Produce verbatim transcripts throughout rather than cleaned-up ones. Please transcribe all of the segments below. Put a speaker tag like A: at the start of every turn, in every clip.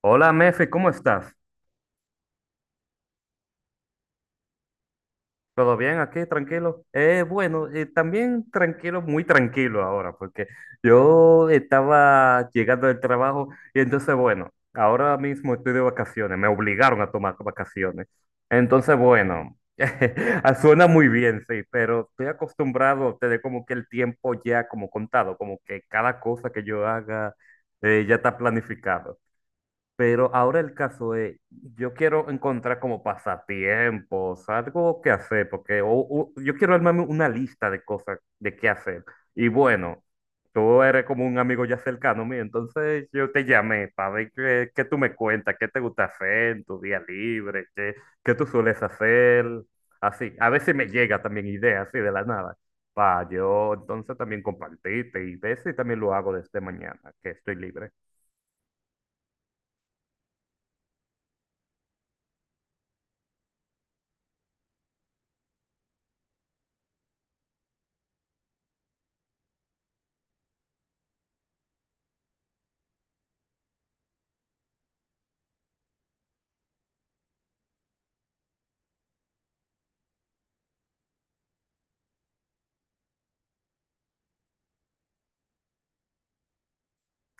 A: Hola, mefe, ¿cómo estás? ¿Todo bien aquí? ¿Tranquilo? Eh, bueno, eh, También tranquilo, muy tranquilo ahora, porque yo estaba llegando del trabajo y entonces, bueno, ahora mismo estoy de vacaciones, me obligaron a tomar vacaciones. Entonces, bueno, ah, suena muy bien, sí, pero estoy acostumbrado a tener como que el tiempo ya como contado, como que cada cosa que yo haga eh, ya está planificado. Pero ahora el caso es, yo quiero encontrar como pasatiempos, algo que hacer, porque o- o- yo quiero armarme una lista de cosas de qué hacer. Y bueno, tú eres como un amigo ya cercano mío, entonces yo te llamé para ver qué, qué tú me cuentas, qué te gusta hacer en tu día libre, qué, qué tú sueles hacer, así. A veces me llega también ideas así de la nada, para yo entonces también compartirte y ver si también lo hago desde mañana, que estoy libre.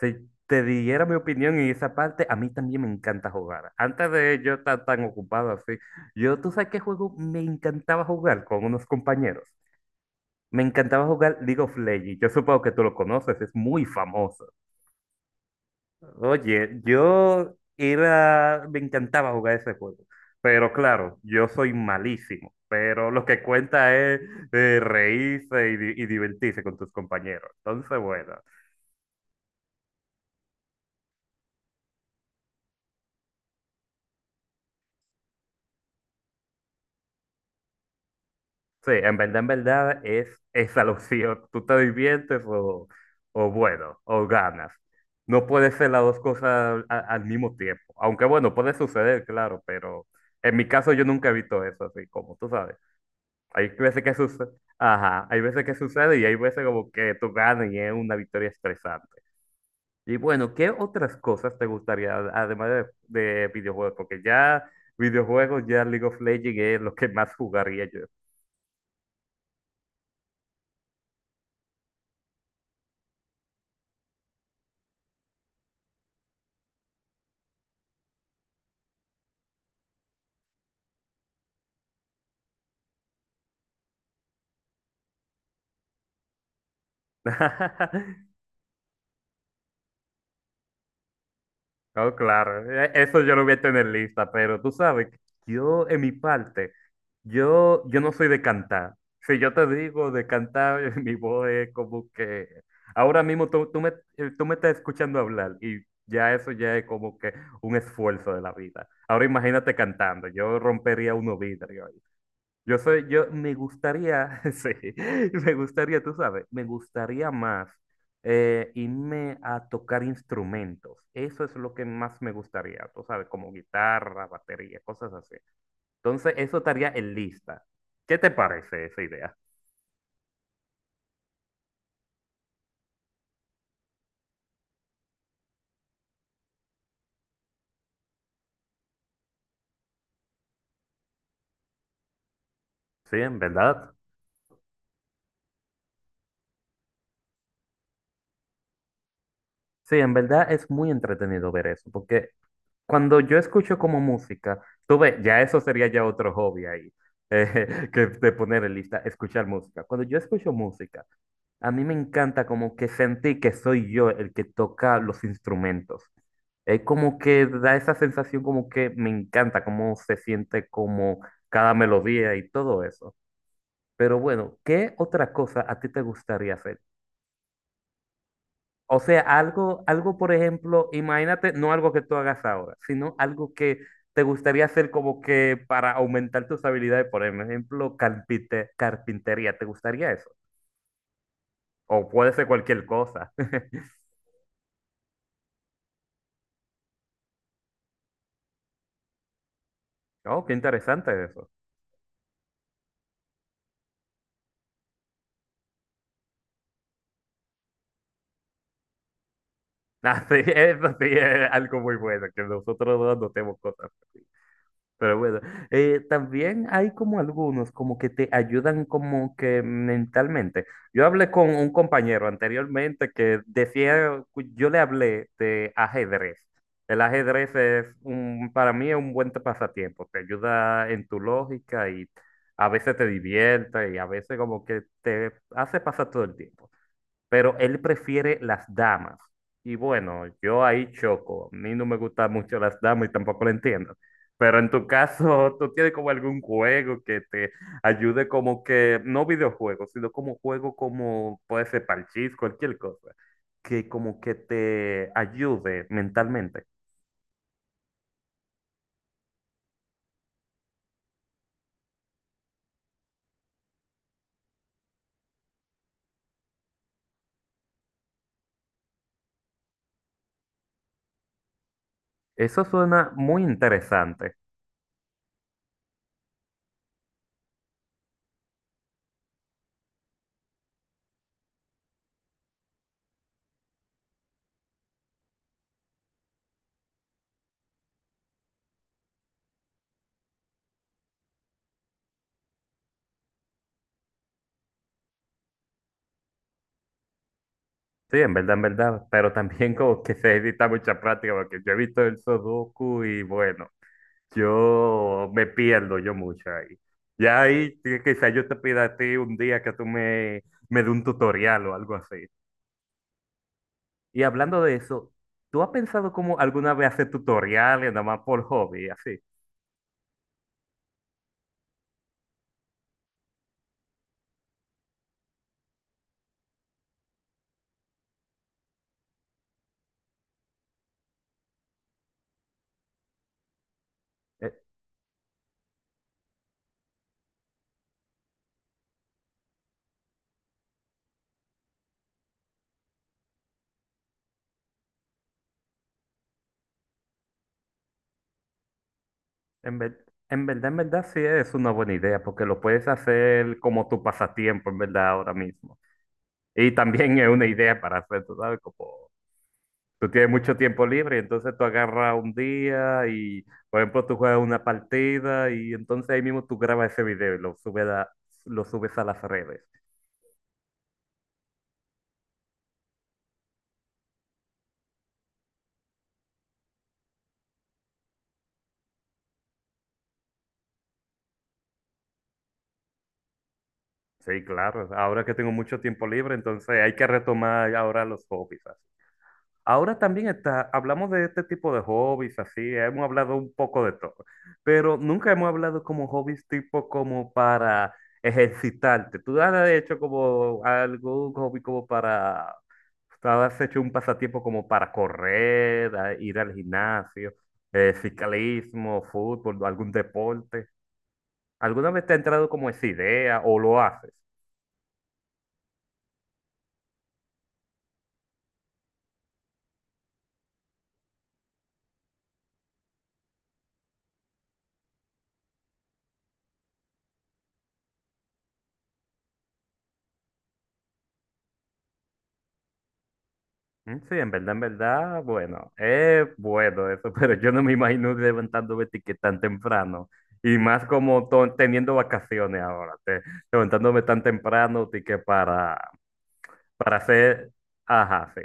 A: Si te diera mi opinión en esa parte, a mí también me encanta jugar. Antes de yo estar tan ocupado así, yo, ¿tú sabes qué juego me encantaba jugar con unos compañeros? Me encantaba jugar League of Legends. Yo supongo que tú lo conoces, es muy famoso. Oye, yo era, me encantaba jugar ese juego. Pero claro, yo soy malísimo. Pero lo que cuenta es eh, reírse y, di- y divertirse con tus compañeros. Entonces, bueno. Sí, en verdad, en verdad es esa la opción. Tú te diviertes o, o bueno, o ganas. No puede ser las dos cosas a- al mismo tiempo. Aunque bueno, puede suceder, claro, pero en mi caso yo nunca he visto eso así, como tú sabes. Hay veces que sucede, ajá, hay veces que sucede y hay veces como que tú ganas y es una victoria estresante. Y bueno, ¿qué otras cosas te gustaría, además de, de videojuegos? Porque ya videojuegos, ya League of Legends es lo que más jugaría yo. No, claro, e- eso yo lo voy a tener lista, pero tú sabes, que yo en mi parte, yo, yo no soy de cantar. Si yo te digo de cantar, mi voz es como que ahora mismo tú, tú me, eh, tú me estás escuchando hablar y ya eso ya es como que un esfuerzo de la vida. Ahora imagínate cantando, yo rompería unos vidrios. Yo soy, yo me gustaría, sí, me gustaría, tú sabes, me gustaría más eh, irme a tocar instrumentos. Eso es lo que más me gustaría, tú sabes, como guitarra, batería, cosas así. Entonces, eso estaría en lista. ¿Qué te parece esa idea? Sí, en verdad. Sí, en verdad es muy entretenido ver eso, porque cuando yo escucho como música, tú ves, ya eso sería ya otro hobby ahí, eh, que de poner en lista, escuchar música. Cuando yo escucho música, a mí me encanta como que sentí que soy yo el que toca los instrumentos. Es como que da esa sensación como que me encanta cómo se siente como cada melodía y todo eso. Pero bueno, ¿qué otra cosa a ti te gustaría hacer? O sea, algo, algo por ejemplo, imagínate, no algo que tú hagas ahora, sino algo que te gustaría hacer como que para aumentar tus habilidades, por ejemplo, carpinte- carpintería, ¿te gustaría eso? O puede ser cualquier cosa. Oh, qué interesante eso. Ah, sí, eso sí es algo muy bueno, que nosotros no anotemos cosas así. Pero bueno, eh, también hay como algunos como que te ayudan como que mentalmente. Yo hablé con un compañero anteriormente que decía, cu- yo le hablé de ajedrez. El ajedrez es un, para mí es un buen pasatiempo, te ayuda en tu lógica y a veces te divierte y a veces como que te hace pasar todo el tiempo, pero él prefiere las damas. Y bueno, yo ahí choco. A mí no me gustan mucho las damas y tampoco lo entiendo. Pero en tu caso, ¿tú tienes como algún juego que te ayude como que, no videojuegos, sino como juego como puede ser parchís, cualquier cosa, que como que te ayude mentalmente? Eso suena muy interesante. Sí, en verdad, en verdad, pero también como que se necesita mucha práctica, porque yo he visto el Sudoku y bueno. Yo me pierdo yo mucho ahí. Ya ahí que- quizá yo te pida a ti un día que tú me, me dé un tutorial o algo así. Y hablando de eso, ¿tú has pensado como alguna vez hacer tutoriales nada más por hobby, así? Eh, En ver- en verdad, en verdad sí es una buena idea porque lo puedes hacer como tu pasatiempo, en verdad, ahora mismo. Y también es una idea para hacer, tú sabes, como tú tienes mucho tiempo libre, entonces tú agarras un día y, por ejemplo, tú juegas una partida y entonces ahí mismo tú grabas ese video y lo subes a, lo subes a las redes. Sí, claro. Ahora que tengo mucho tiempo libre, entonces hay que retomar ahora los hobbies. Ahora también está, hablamos de este tipo de hobbies, así, hemos hablado un poco de todo, pero nunca hemos hablado como hobbies tipo como para ejercitarte. Tú has hecho como algún hobby como para, tú has hecho un pasatiempo como para correr, a- ir al gimnasio, eh, ciclismo, fútbol, algún deporte. ¿Alguna vez te ha entrado como esa idea o lo haces? Mm, sí, en verdad, en verdad, bueno, es bueno eso, pero yo no me imagino levantándome ti- que tan temprano. Y más como to- teniendo vacaciones ahora, te- levantándome tan temprano, ti que para, para hacer, ajá, sí.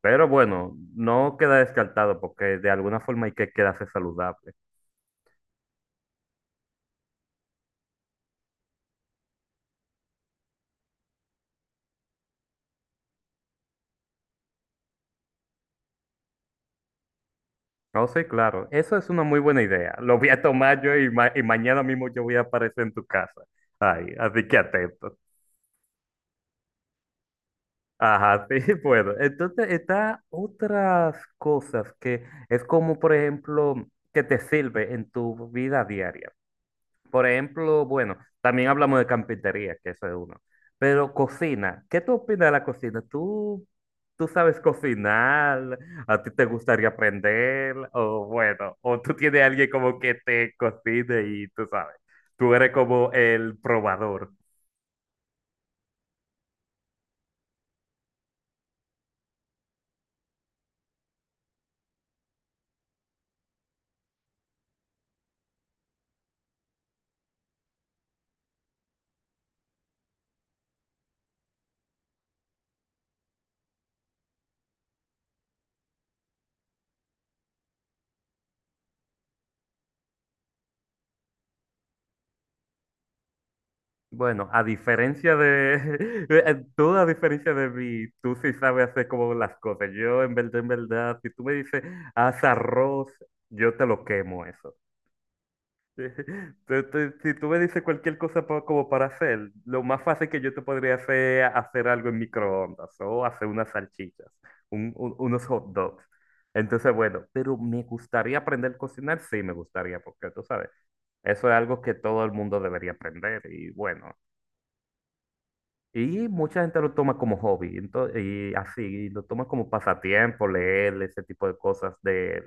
A: Pero bueno, no queda descartado porque de alguna forma hay que quedarse saludable. No, sí, claro, eso es una muy buena idea. Lo voy a tomar yo y, ma- y mañana mismo yo voy a aparecer en tu casa. Ay, así que atento. Ajá, sí, puedo. Entonces, está otras cosas que es como, por ejemplo, que te sirve en tu vida diaria. Por ejemplo, bueno, también hablamos de carpintería, que eso es uno. Pero cocina, ¿qué tú opinas de la cocina? ¿Tú, tú sabes cocinar? ¿A ti te gustaría aprender? O bueno, o tú tienes a alguien como que te cocine y tú sabes, tú eres como el probador. Bueno, a diferencia de tú, a diferencia de mí, tú sí sabes hacer como las cosas. Yo, en verdad, en verdad, si tú me dices, haz arroz, yo te lo quemo eso. Tú- tú- Si tú me dices cualquier cosa pa- como para hacer, lo más fácil que yo te podría hacer es hacer algo en microondas o hacer unas salchichas, un- un- unos hot dogs. Entonces, bueno, pero me gustaría aprender a cocinar, sí me gustaría, porque tú sabes, eso es algo que todo el mundo debería aprender y bueno. Y mucha gente lo toma como hobby, entonces, y así, y lo toma como pasatiempo, leer ese tipo de cosas de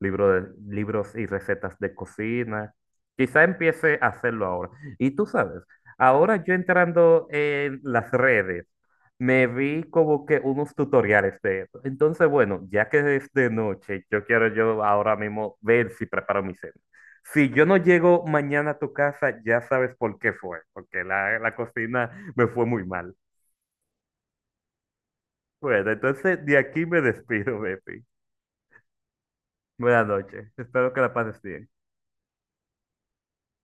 A: libro de, libros y recetas de cocina. Quizá empiece a hacerlo ahora. Y tú sabes, ahora yo entrando en las redes, me vi como que unos tutoriales de eso. Entonces, bueno, ya que es de noche, yo quiero yo ahora mismo ver si preparo mi cena. Si yo no llego mañana a tu casa, ya sabes por qué fue, porque la, la cocina me fue muy mal. Bueno, entonces de aquí me despido, Bepi. Buenas noches. Espero que la pases bien.